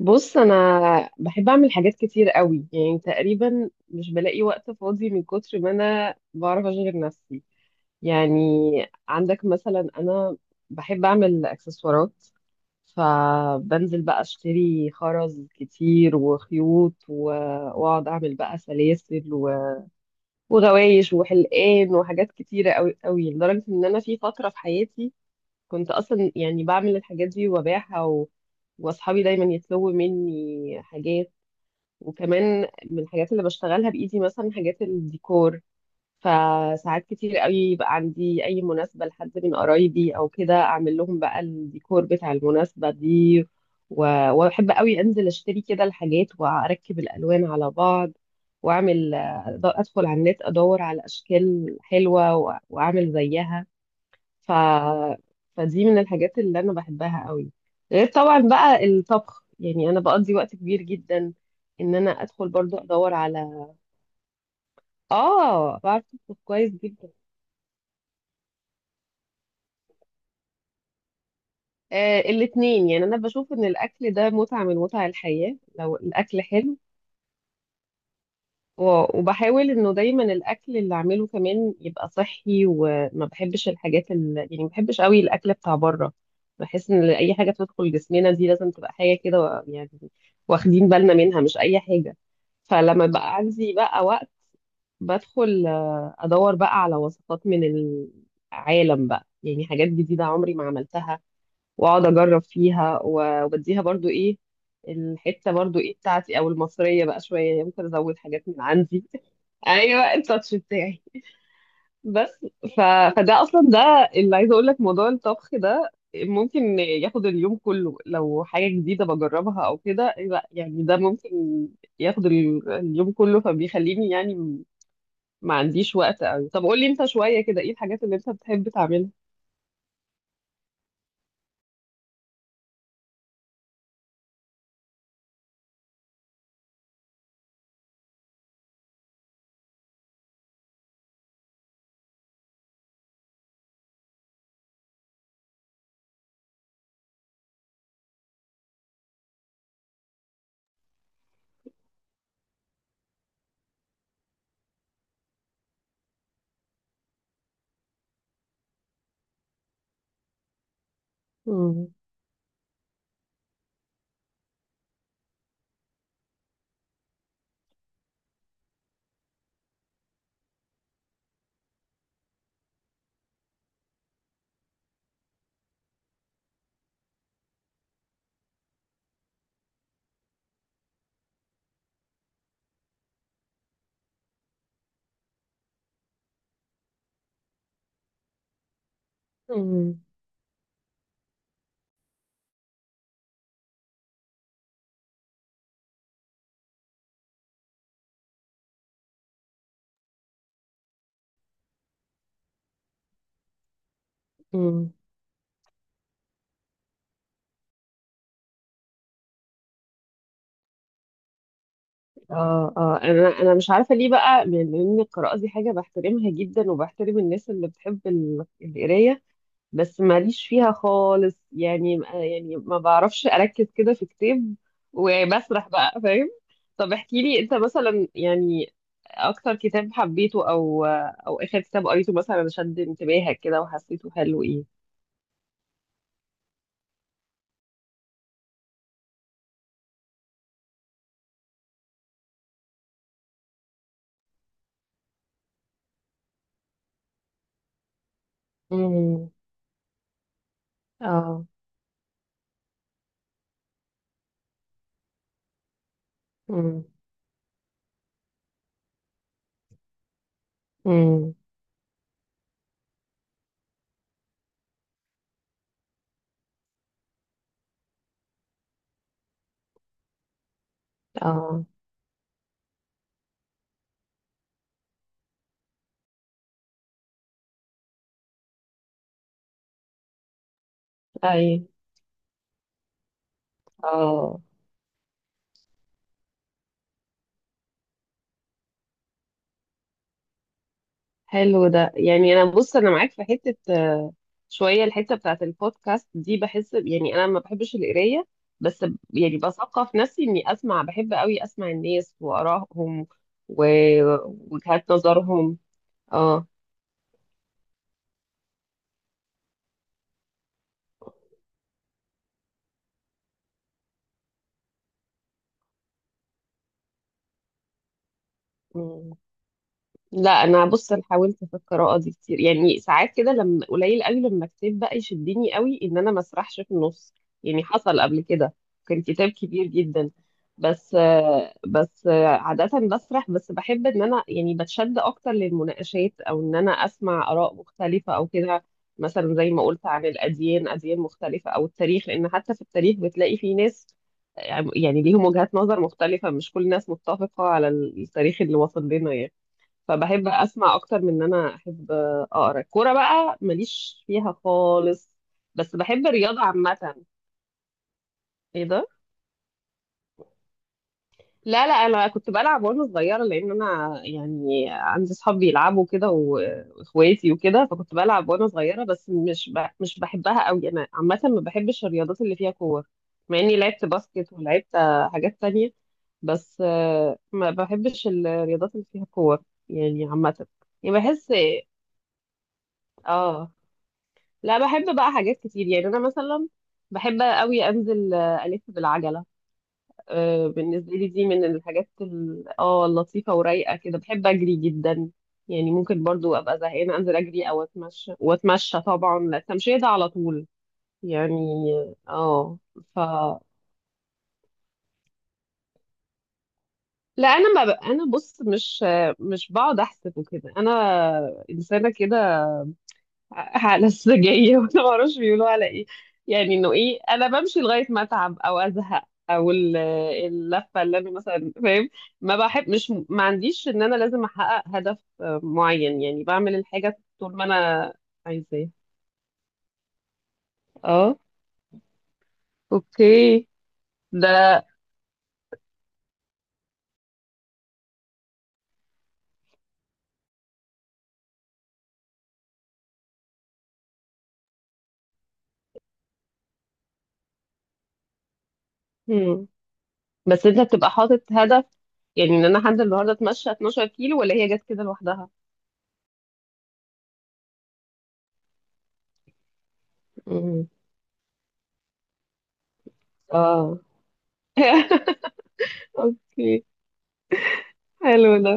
بص انا بحب اعمل حاجات كتير قوي. يعني تقريبا مش بلاقي وقت فاضي من كتر ما انا بعرف اشغل نفسي. يعني عندك مثلا، انا بحب اعمل اكسسوارات، فبنزل بقى اشتري خرز كتير وخيوط واقعد اعمل بقى سلاسل وغوايش وحلقان وحاجات كتيرة قوي قوي، لدرجة ان انا في فترة في حياتي كنت اصلا يعني بعمل الحاجات دي وببيعها واصحابي دايما يطلبوا مني حاجات. وكمان من الحاجات اللي بشتغلها بايدي مثلا حاجات الديكور، فساعات كتير قوي يبقى عندي اي مناسبة لحد من قرايبي او كده، اعمل لهم بقى الديكور بتاع المناسبة دي. و... واحب قوي انزل اشتري كده الحاجات واركب الالوان على بعض واعمل، ادخل على النت ادور على اشكال حلوة واعمل زيها. ف... فدي من الحاجات اللي انا بحبها قوي، غير طبعا بقى الطبخ. يعني انا بقضي وقت كبير جدا ان انا ادخل برضو ادور على، اه، بعرف اطبخ كويس جدا. آه، الاتنين، يعني انا بشوف ان الاكل ده متعة من متع الحياة لو الاكل حلو. وبحاول انه دايما الاكل اللي اعمله كمان يبقى صحي، وما بحبش الحاجات يعني ما بحبش قوي الاكل بتاع بره. بحس ان اي حاجه بتدخل جسمنا دي لازم تبقى حاجه كده يعني واخدين بالنا منها، مش اي حاجه. فلما بقى عندي بقى وقت، بدخل ادور بقى على وصفات من العالم بقى، يعني حاجات جديده عمري ما عملتها، واقعد اجرب فيها وبديها برضو ايه الحته، برضو ايه بتاعتي او المصريه بقى شويه، يعني ممكن ازود حاجات من عندي. ايوه، التاتش بتاعي. بس. ف... فده اصلا، ده اللي عايزه اقول لك، موضوع الطبخ ده ممكن ياخد اليوم كله لو حاجه جديده بجربها او كده. لا يعني ده ممكن ياخد اليوم كله، فبيخليني يعني ما عنديش وقت قوي. طب قول لي انت شويه كده، ايه الحاجات اللي انت بتحب تعملها؟ مم. مم. اه اه، انا مش عارفه ليه بقى، لان إن القراءه دي حاجه بحترمها جدا، وبحترم الناس اللي بتحب القرايه، بس ماليش فيها خالص. يعني يعني ما بعرفش اركز كده في كتاب وبسرح بقى، فاهم؟ طب احكي لي انت مثلا، يعني اكتر كتاب حبيته او او اخر كتاب قريته مثلا شد انتباهك كده وحسيته حلو، ايه؟ امم. اه. امم. امم. اه. اي. اه، حلو ده. يعني انا بص انا معاك في حته، شويه الحته بتاعت البودكاست دي. بحس يعني انا ما بحبش القرايه، بس يعني بثقف نفسي اني اسمع، بحب قوي اسمع الناس وارائهم ووجهات نظرهم. اه لا، انا بص انا حاولت في القراءه دي كتير. يعني ساعات كده، لما قليل قوي لما كتاب بقى يشدني قوي ان انا ما اسرحش في النص. يعني حصل قبل كده، كان كتاب كبير جدا، بس بس عاده بسرح. بس بحب ان انا يعني بتشد اكتر للمناقشات، او ان انا اسمع اراء مختلفه او كده. مثلا زي ما قلت عن الاديان، اديان مختلفه، او التاريخ. لان حتى في التاريخ بتلاقي في ناس يعني ليهم وجهات نظر مختلفه، مش كل الناس متفقه على التاريخ اللي وصل لنا يعني. فبحب اسمع اكتر من ان انا احب اقرا. الكوره بقى ماليش فيها خالص، بس بحب الرياضه عامه. ايه ده؟ لا لا، انا كنت بلعب وانا صغيره، لان انا يعني عندي اصحاب بيلعبوا كده واخواتي وكده، فكنت بلعب وانا صغيره، بس مش بحبها قوي. انا عامه ما بحبش الرياضات اللي فيها كور، مع اني لعبت باسكت ولعبت حاجات تانية، بس ما بحبش الرياضات اللي فيها كور يعني عامه. يعني بحس، اه لا، بحب بقى حاجات كتير. يعني انا مثلا بحب قوي انزل الف بالعجله. بالنسبه لي دي من الحاجات اللطيفه ورايقه كده. بحب اجري جدا، يعني ممكن برضو ابقى زهقانه انزل اجري او اتمشى، واتمشى طبعا، لا، التمشيه ده على طول يعني. اه، ف، لا، انا ما ب... انا بص، مش بقعد احسب وكده. انا انسانه كده، لسه جاية، وأنا معرفش بيقولوا على إيه، يعني إنه إيه، أنا بمشي لغاية ما أتعب أو أزهق، أو اللفة اللي أنا مثلا، فاهم؟ ما بحب مش ما عنديش إن أنا لازم أحقق هدف معين، يعني بعمل الحاجة طول ما أنا عايزاه. أه، أوكي، ده. مم. بس أنت بتبقى حاطط هدف؟ يعني إن أنا حد النهاردة أتمشى 12 كيلو، ولا هي جت كده لوحدها؟ مم. أه. أوكي. حلو ده.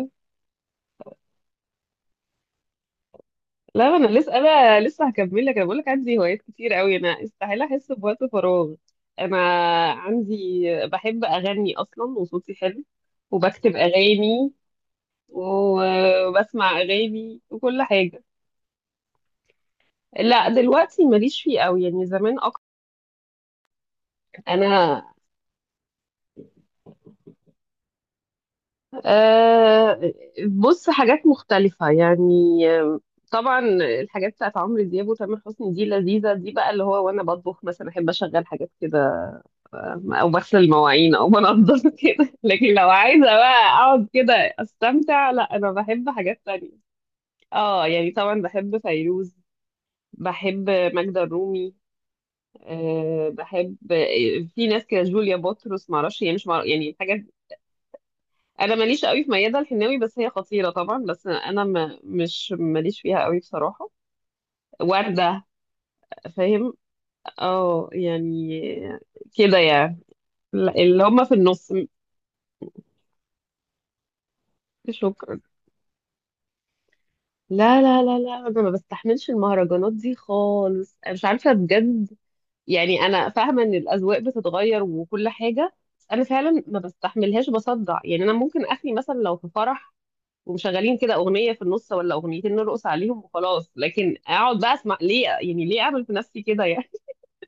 لا انا لسه، هكمل لك، انا بقول لك عندي هوايات كتير قوي، انا استحيل احس بوقت فراغ. انا عندي، بحب اغني اصلا وصوتي حلو، وبكتب اغاني، وبسمع اغاني وكل حاجه. لا دلوقتي ماليش فيه قوي، يعني زمان اكتر. انا، أه بص، حاجات مختلفه يعني. آه، طبعا الحاجات بتاعت عمرو دياب وتامر حسني دي لذيذه، دي بقى اللي هو وانا بطبخ مثلا احب اشغل حاجات كده، او بغسل المواعين او بنضف كده. لكن لو عايزه بقى اقعد كده استمتع، لا، انا بحب حاجات تانية. اه يعني طبعا بحب فيروز، بحب ماجدة الرومي. بحب في ناس كده جوليا بطرس، ما اعرفش، يعني مش معرف يعني الحاجات. انا ماليش قوي في ميادة الحناوي، بس هي خطيرة طبعا، بس انا ما مش ماليش فيها قوي بصراحة. وردة، فاهم؟ اه يعني كده يعني. لا، اللي هم في النص. شكرا. لا لا لا لا، انا ما بستحملش المهرجانات دي خالص، انا مش عارفه بجد. يعني انا فاهمه ان الاذواق بتتغير وكل حاجه، بس انا فعلا ما بستحملهاش، بصدع. يعني انا ممكن اخلي مثلا لو في فرح ومشغلين كده اغنيه في النص ولا اغنيتين، نرقص عليهم وخلاص. لكن اقعد بقى اسمع ليه؟ يعني ليه اعمل في نفسي كده يعني؟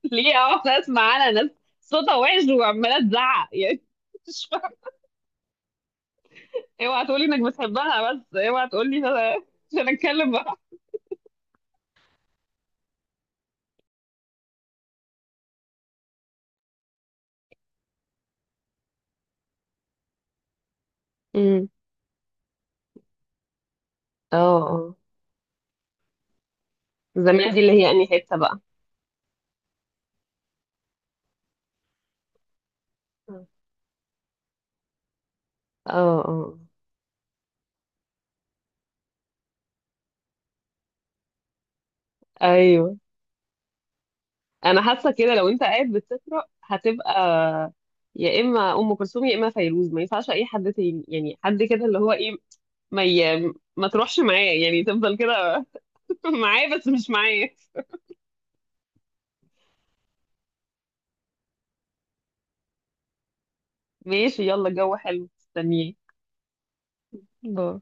ليه اقعد اسمع على ناس صوتها وحش وعماله تزعق يعني مش فاهمه. اوعى تقولي انك بتحبها، بس اوعى تقولي إن انا عشان اتكلم بقى. امم اه، زمان دي اللي هي انهي حته بقى؟ مم. اه اه ايوه، انا حاسه كده لو انت قاعد بتقرا، هتبقى يا اما ام كلثوم يا اما فيروز، ما ينفعش اي حد تاني يعني حد كده اللي هو ايه. ما ي... ما تروحش معاه، يعني تفضل كده. معاه، بس مش معايا. ماشي، يلا، الجو حلو، استنيه.